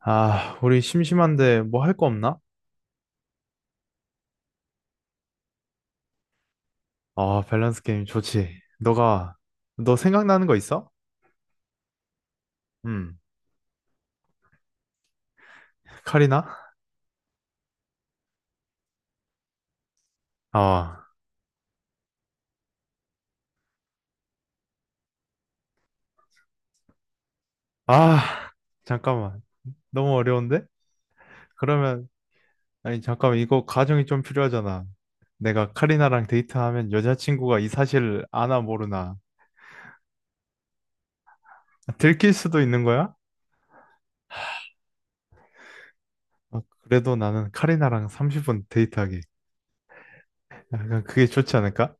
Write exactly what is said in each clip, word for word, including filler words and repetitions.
아, 우리 심심한데 뭐 할 거 없나? 아, 밸런스 게임 좋지. 너가, 너 생각나는 거 있어? 음, 카리나? 아, 아, 잠깐만. 너무 어려운데? 그러면, 아니, 잠깐만. 이거 가정이 좀 필요하잖아. 내가 카리나랑 데이트하면 여자친구가 이 사실 아나 모르나. 들킬 수도 있는 거야? 아, 그래도 나는 카리나랑 삼십 분 데이트하기. 약간 그게 좋지 않을까?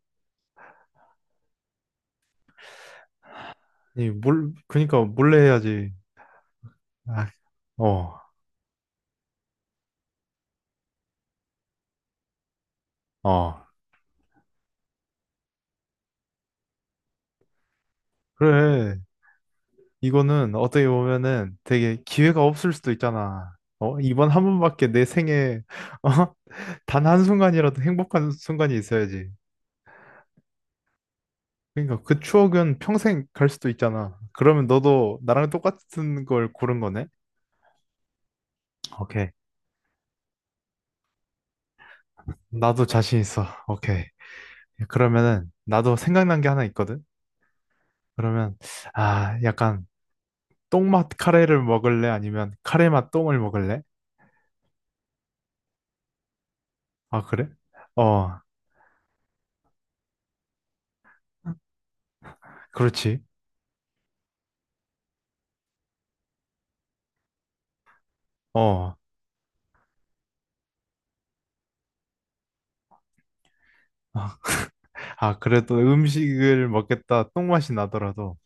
아니, 몰, 그니까 몰래 해야지. 아, 어, 어. 그래. 이거는 어떻게 보면은 되게 기회가 없을 수도 있잖아. 어? 이번 한 번밖에 내 생에 어? 단 한순간이라도 행복한 순간이 있어야지. 그러니까 그 추억은 평생 갈 수도 있잖아. 그러면 너도 나랑 똑같은 걸 고른 거네? 오케이. 나도 자신 있어. 오케이. 그러면은 나도 생각난 게 하나 있거든? 그러면 아, 약간 똥맛 카레를 먹을래? 아니면 카레맛 똥을 먹을래? 아, 그래? 어, 그렇지. 어. 아, 아, 그래도 음식을 먹겠다 똥맛이 나더라도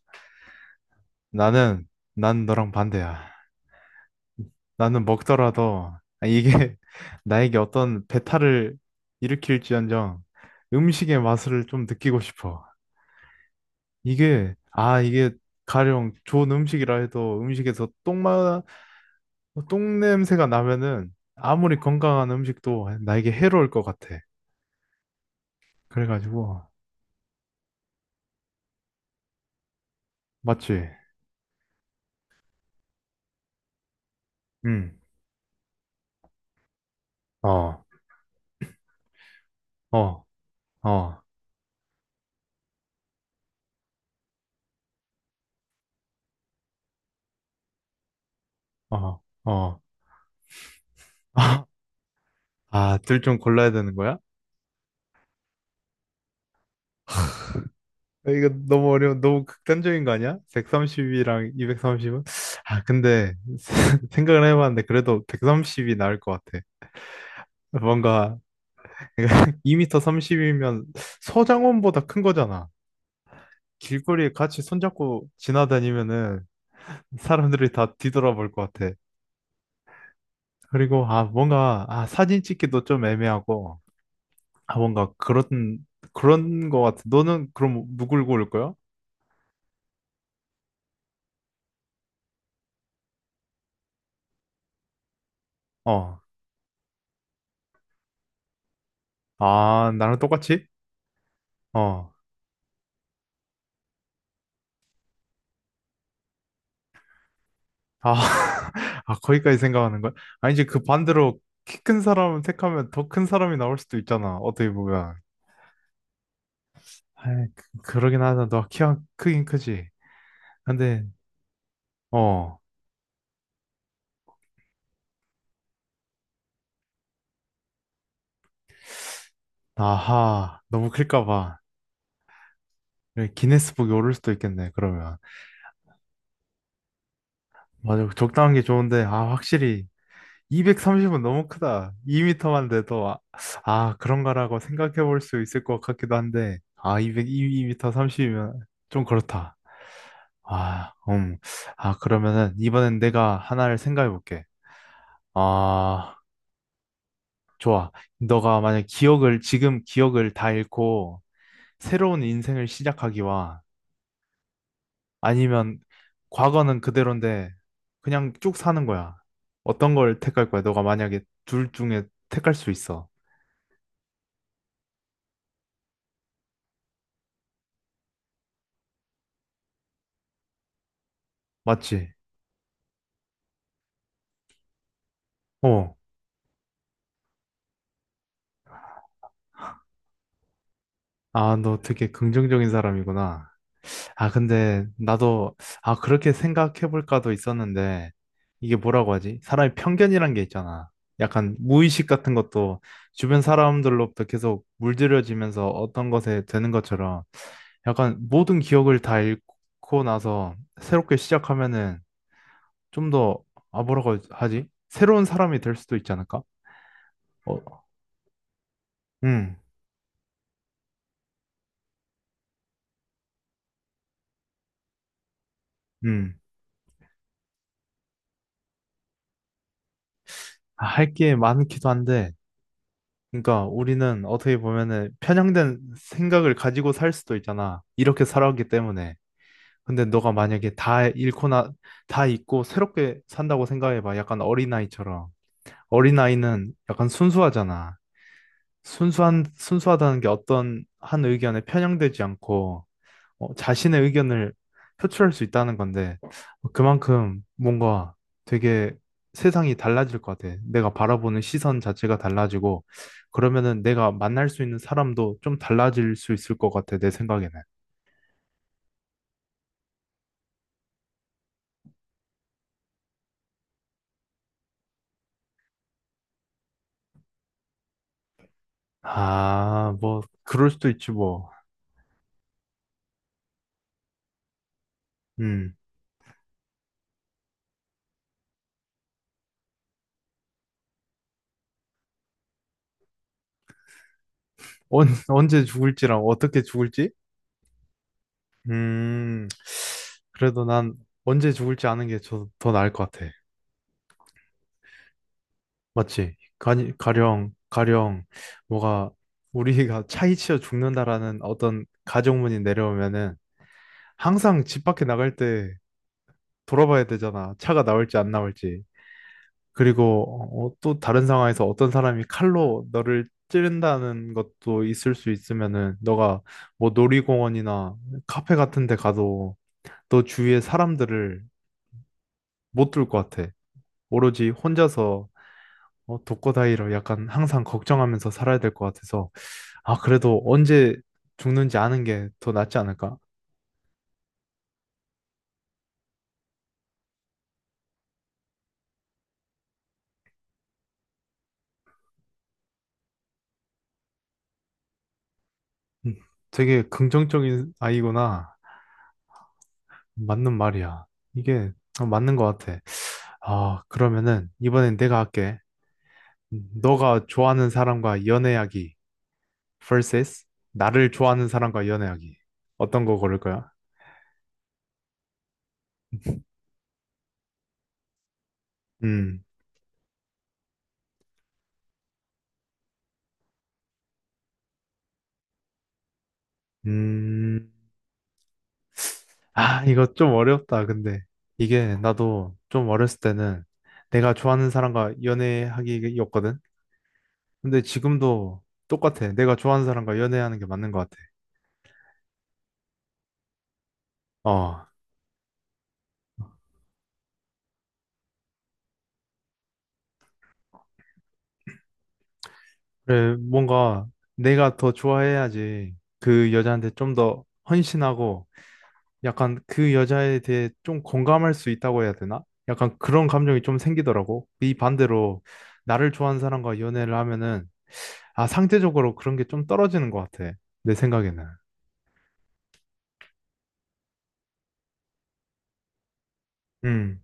나는, 난 너랑 반대야. 나는 먹더라도 아, 이게 나에게 어떤 배탈을 일으킬지언정 음식의 맛을 좀 느끼고 싶어. 이게, 아, 이게 가령 좋은 음식이라 해도 음식에서 똥맛, 똥냄새가 나면은 아무리 건강한 음식도 나에게 해로울 것 같아. 그래가지고, 맞지? 응. 어, 어, 어, 어, 어. 아, 둘 좀 골라야 되는 거야? 아, 이거 너무 어려운, 너무 극단적인 거 아니야? 백삼십이랑 이백삼십은? 아, 근데 생각을 해봤는데 그래도 백삼십이 나을 것 같아. 뭔가 이 미터 삼십이면 서장훈보다 큰 거잖아. 길거리에 같이 손잡고 지나다니면은 사람들이 다 뒤돌아볼 것 같아. 그리고 아, 뭔가 아, 사진 찍기도 좀 애매하고 아, 뭔가 그런 그런 거 같아. 너는 그럼 누굴 고를 거야? 어. 아, 나랑 똑같이? 어. 아, 아, 거기까지 생각하는 거야? 아니, 이제 그 반대로 키 큰 사람 택하면 더 큰 사람이 나올 수도 있잖아. 어떻게 보면. 아, 그러긴 하다. 너 키가 크긴 크지. 근데, 어, 아하, 너무 클까 봐. 여기 기네스북에 오를 수도 있겠네, 그러면. 맞아, 적당한 게 좋은데, 아, 확실히. 이백삼십은 너무 크다. 이 미터만 돼도, 아, 아, 그런가라고 생각해 볼 수 있을 것 같기도 한데, 아, 이백, 이 미터 삼십이면 좀 그렇다. 아, 음. 아, 그러면은 이번엔 내가 하나를 생각해 볼게. 아, 좋아. 너가 만약 기억을, 지금 기억을 다 잃고 새로운 인생을 시작하기와 아니면 과거는 그대로인데 그냥 쭉 사는 거야. 어떤 걸 택할 거야? 너가 만약에 둘 중에 택할 수 있어. 맞지? 어. 아, 너 되게 긍정적인 사람이구나. 아, 근데 나도, 아, 그렇게 생각해볼까도 있었는데, 이게 뭐라고 하지? 사람이 편견이란 게 있잖아. 약간 무의식 같은 것도 주변 사람들로부터 계속 물들여지면서 어떤 것에 되는 것처럼 약간 모든 기억을 다 잃고 나서 새롭게 시작하면은 좀 더, 아, 뭐라고 하지? 새로운 사람이 될 수도 있지 않을까? 어, 음, 음. 아, 할 게 많기도 한데, 그러니까 우리는 어떻게 보면은 편향된 생각을 가지고 살 수도 있잖아. 이렇게 살아왔기 때문에. 근데 너가 만약에 다 잃고 나, 다 잊고 새롭게 산다고 생각해봐. 약간 어린아이처럼. 어린아이는 약간 순수하잖아. 순수한, 순수하다는 게 어떤 한 의견에 편향되지 않고 어, 자신의 의견을 표출할 수 있다는 건데 어, 그만큼 뭔가 되게 세상이 달라질 것 같아. 내가 바라보는 시선 자체가 달라지고 그러면은 내가 만날 수 있는 사람도 좀 달라질 수 있을 것 같아. 내 생각에는. 아, 뭐 그럴 수도 있지 뭐. 음. 언, 언제 죽을지랑 어떻게 죽을지? 음. 그래도 난 언제 죽을지 아는 게 더 나을 것 같아. 맞지? 가 가령, 가령, 뭐가, 우리가 차이치어 죽는다라는 어떤 가정문이 내려오면은 항상 집 밖에 나갈 때 돌아봐야 되잖아. 차가 나올지 안 나올지. 그리고 어, 또 다른 상황에서 어떤 사람이 칼로 너를 찌른다는 것도 있을 수 있으면은 너가 뭐 놀이공원이나 카페 같은 데 가도 너 주위에 사람들을 못 둘 것 같아. 오로지 혼자서 어, 독거다이로 약간 항상 걱정하면서 살아야 될 것 같아서. 아, 그래도 언제 죽는지 아는 게 더 낫지 않을까? 음, 되게 긍정적인 아이구나. 맞는 말이야. 이게 어, 맞는 것 같아. 아, 그러면은 이번엔 내가 할게. 음, 너가 좋아하는 사람과 연애하기 vs 나를 좋아하는 사람과 연애하기. 어떤 거 고를 거야? 음, 음, 아, 이거 좀 어렵다. 근데 이게 나도 좀 어렸을 때는 내가 좋아하는 사람과 연애하기였거든. 근데 지금도 똑같아. 내가 좋아하는 사람과 연애하는 게 맞는 것 같아. 어, 그래, 뭔가 내가 더 좋아해야지 그 여자한테 좀 더 헌신하고 약간 그 여자에 대해 좀 공감할 수 있다고 해야 되나? 약간 그런 감정이 좀 생기더라고. 이 반대로 나를 좋아하는 사람과 연애를 하면은 아, 상대적으로 그런 게 좀 떨어지는 것 같아. 내 생각에는. 음,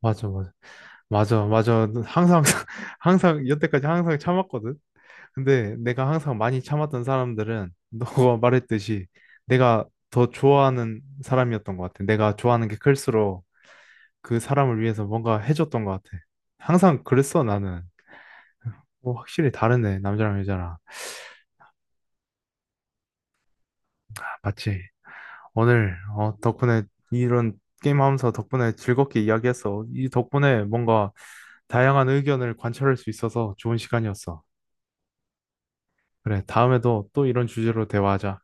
맞아, 맞아. 맞아, 맞아. 항상, 항상, 여태까지 항상 참았거든. 근데 내가 항상 많이 참았던 사람들은 너가 말했듯이 내가 더 좋아하는 사람이었던 것 같아. 내가 좋아하는 게 클수록 그 사람을 위해서 뭔가 해줬던 것 같아. 항상 그랬어, 나는. 뭐 확실히 다르네, 남자랑 여자랑. 맞지? 오늘 어, 덕분에 이런 게임하면서 덕분에 즐겁게 이야기했어. 이 덕분에 뭔가 다양한 의견을 관찰할 수 있어서 좋은 시간이었어. 그래, 다음에도 또 이런 주제로 대화하자.